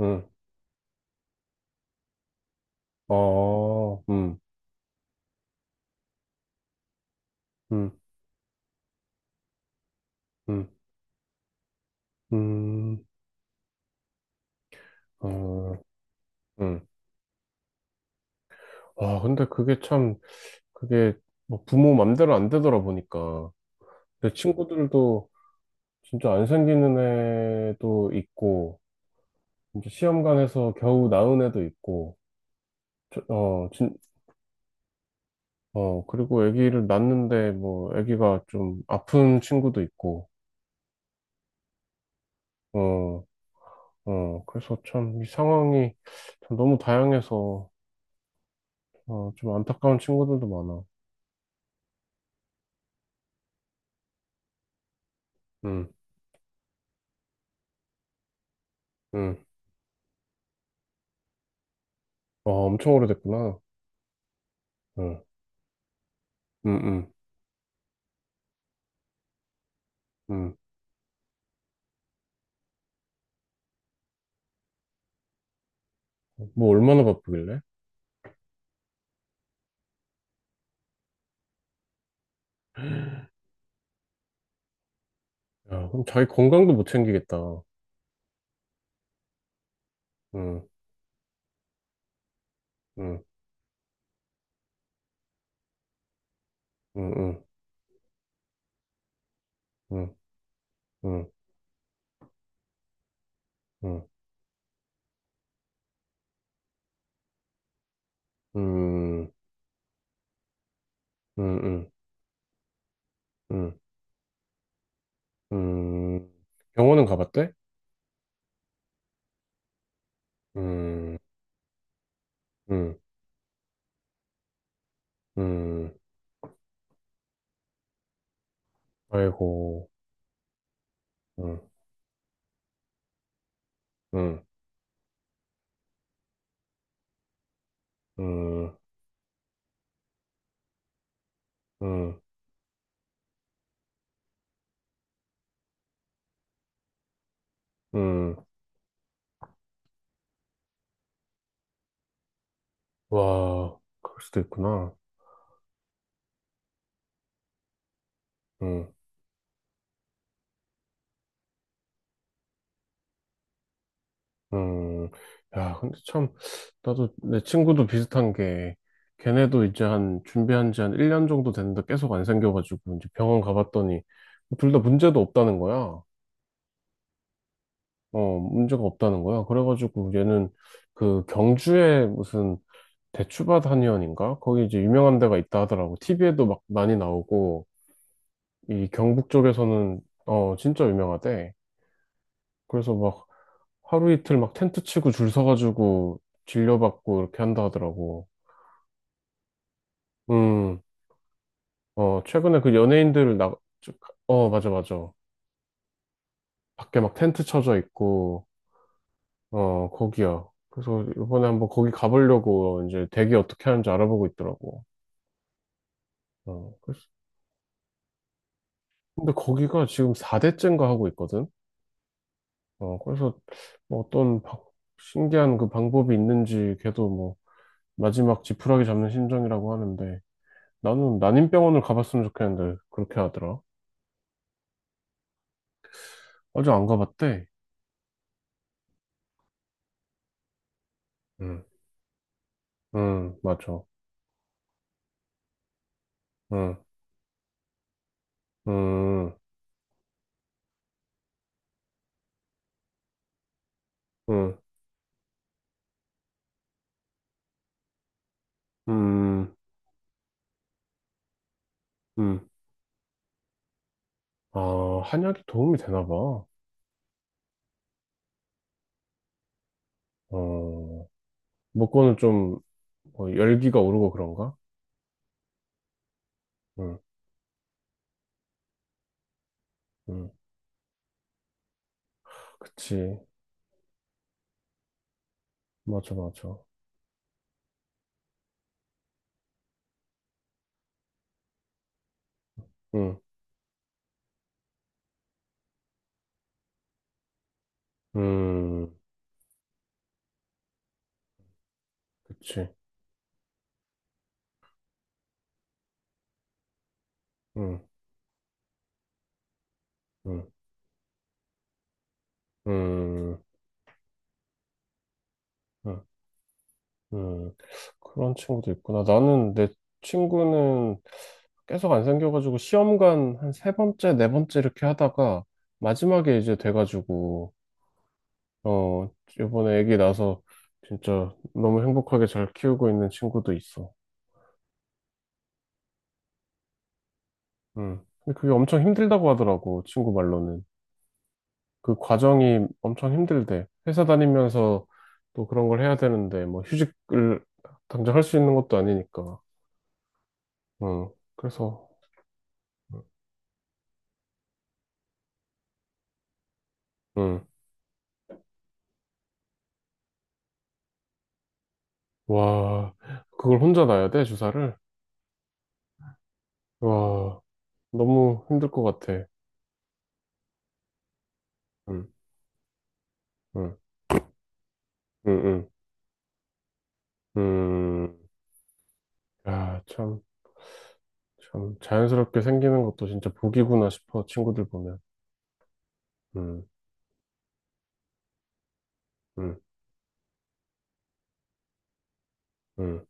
음, 어, 음, 음, 음, 어, 음. 와, 근데 그게 참, 그게 뭐 부모 맘대로 안 되더라 보니까. 내 친구들도 진짜 안 생기는 애도 있고, 이제 시험관에서 겨우 낳은 애도 있고, 저- 어, 진, 그리고 아기를 낳는데 뭐 아기가 좀 아픈 친구도 있고, 어, 어, 그래서 참 이 상황이 참 너무 다양해서, 어, 좀 안타까운 친구들도 많아. 응. 응. 와, 엄청 오래됐구나. 응. 응, 응, 응. 뭐 얼마나 바쁘길래? 야, 그럼 자기 건강도 못 챙기겠다. 응, 응, 응, 응, 응, 응, 응, 응, 응, 응, 응. 응. 병원은 가봤대? 응, 응, 응. 아이고, 응, 응, 응, 응, 응. 와, 그럴 수도 있구나. 응. 음, 야, 근데 참, 나도 내 친구도 비슷한 게, 걔네도 이제 한, 준비한 지 한 1년 정도 됐는데 계속 안 생겨가지고, 이제 병원 가봤더니, 둘 다 문제도 없다는 거야. 어, 문제가 없다는 거야. 그래가지고 얘는 그 경주에 무슨 대추밭 한의원인가? 거기 이제 유명한 데가 있다 하더라고. TV에도 막 많이 나오고, 이 경북 쪽에서는, 어, 진짜 유명하대. 그래서 막 하루 이틀 막 텐트 치고 줄 서가지고 진료받고 이렇게 한다 하더라고. 음, 어, 최근에 그 연예인들 나, 저- 어, 맞아, 맞아. 밖에 막 텐트 쳐져 있고, 어, 거기야. 그래서 이번에 한번 거기 가보려고 이제 대기 어떻게 하는지 알아보고 있더라고. 어, 그래서, 근데 거기가 지금 4대째인가 하고 있거든? 어, 그래서 뭐 어떤 신기한 그 방법이 있는지 걔도 뭐 마지막 지푸라기 잡는 심정이라고 하는데 나는 난임병원을 가봤으면 좋겠는데 그렇게 하더라. 아직 안 가봤대. 응, 응, 맞아. 응, 응. 응, 음, 음. 아, 한약이 도움이 되나 봐. 어, 먹고는 좀 어, 열기가 오르고 그런가? 응, 응. 그치. 맞아, 맞아. 응, 음, 그치. 응, 응, 응, 응, 응. 그런 친구도 있구나. 나는 내 친구는 계속 안 생겨가지고 시험관 한 세 번째, 네 번째 이렇게 하다가 마지막에 이제 돼가지고 어, 이번에 애기 나서 진짜 너무 행복하게 잘 키우고 있는 친구도 있어. 음. 근데 그게 엄청 힘들다고 하더라고, 친구 말로는. 그 과정이 엄청 힘들대. 회사 다니면서 또 그런 걸 해야 되는데, 뭐 휴직을 당장 할 수 있는 것도 아니니까. 음. 그래서, 응. 와, 그걸 혼자 놔야 돼, 주사를? 와, 너무 힘들 것 같아. 응, 응, 응, 응, 야, 참. 참 자연스럽게 생기는 것도 진짜 복이구나 싶어 친구들 보면, 음, 음, 음,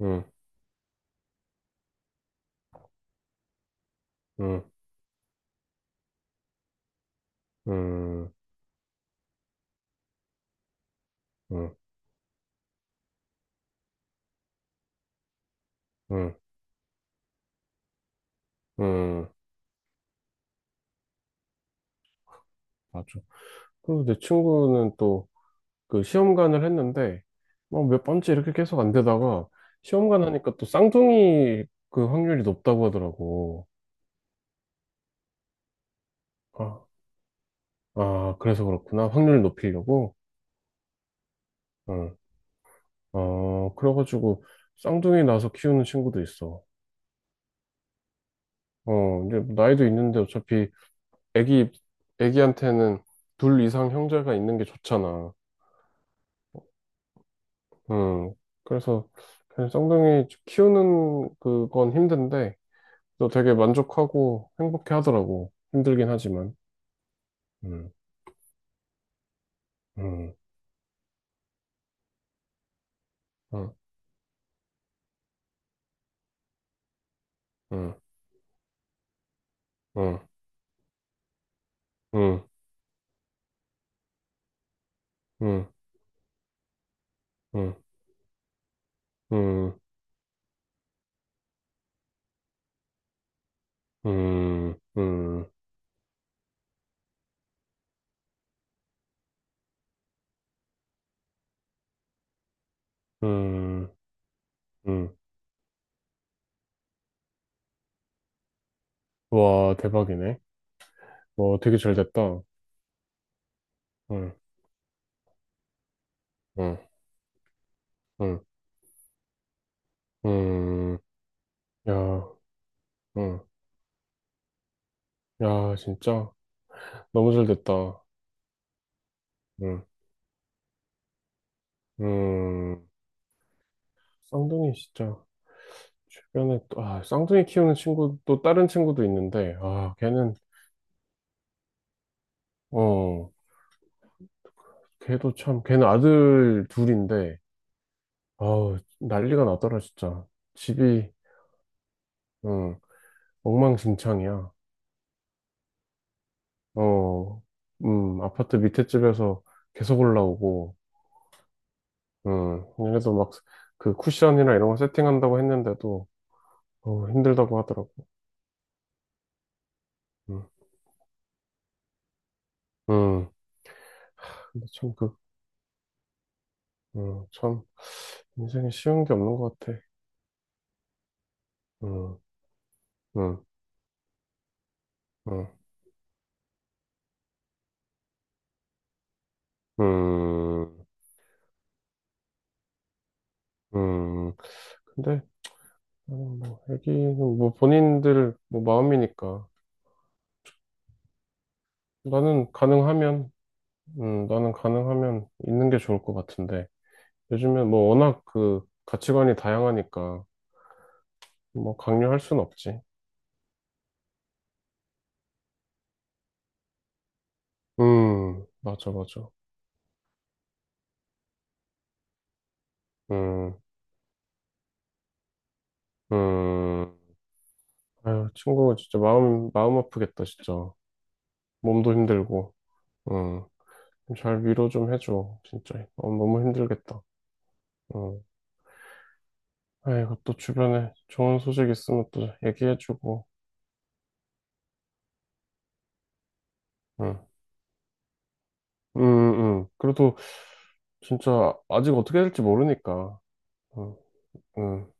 음, 음, 음, 음, 음, 음. 맞아. 그리고 내 친구는 또 그 시험관을 했는데 뭐몇 번째 이렇게 계속 안 되다가 시험관 하니까 또 쌍둥이 그 확률이 높다고 하더라고. 아, 아, 그래서 그렇구나. 확률 높이려고. 응. 어, 그래가지고 쌍둥이 나서 키우는 친구도 있어. 어, 이제 나이도 있는데 어차피 애기, 애기한테는 둘 이상 형제가 있는 게 좋잖아. 음, 그래서 그냥 쌍둥이 키우는 그건 힘든데, 또 되게 만족하고 행복해 하더라고. 힘들긴 하지만. 음, 음, 음, 음, 음, 음, 음, 음, 음, 음, 음, 음, 음. 와, 대박이네. 와, 되게 잘 됐다. 응, 응, 응, 응. 야, 응. 야, 진짜. 너무 잘 됐다. 응. 음, 쌍둥이 진짜 주변에 또, 아, 쌍둥이 키우는 친구 또 다른 친구도 있는데, 아, 걔는, 어, 걔도 참, 걔는 아들 둘인데, 아우, 난리가 나더라, 진짜. 집이, 응, 엉망진창이야. 어, 아파트 밑에 집에서 계속 올라오고, 그래도 막, 그 쿠션이나 이런 거 세팅한다고 했는데도, 어, 힘들다고 하더라고. 음, 음, 근데 참 그, 참, 인생에 쉬운 게 없는 것 같아. 어. 응, 응, 응, 응. 근데 나는 뭐 애기는 뭐 본인들 뭐 마음이니까 나는 가능하면, 나는 가능하면 있는 게 좋을 것 같은데 요즘에 뭐 워낙 그 가치관이 다양하니까 뭐 강요할 순 없지. 맞아, 맞아. 음, 음. 아유, 친구가 진짜 마음 마음 아프겠다, 진짜. 몸도 힘들고. 음, 잘 위로 좀 해줘, 진짜. 어, 너무 힘들겠다. 음. 아이고, 또 주변에 좋은 소식 있으면 또 얘기해주고, 응, 응, 응. 그래도 진짜 아직 어떻게 될지 모르니까, 응, 응,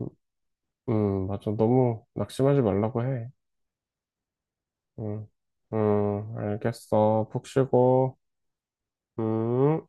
응, 응. 맞아. 너무 낙심하지 말라고 해. 응, 응, 알겠어. 푹 쉬고, 응.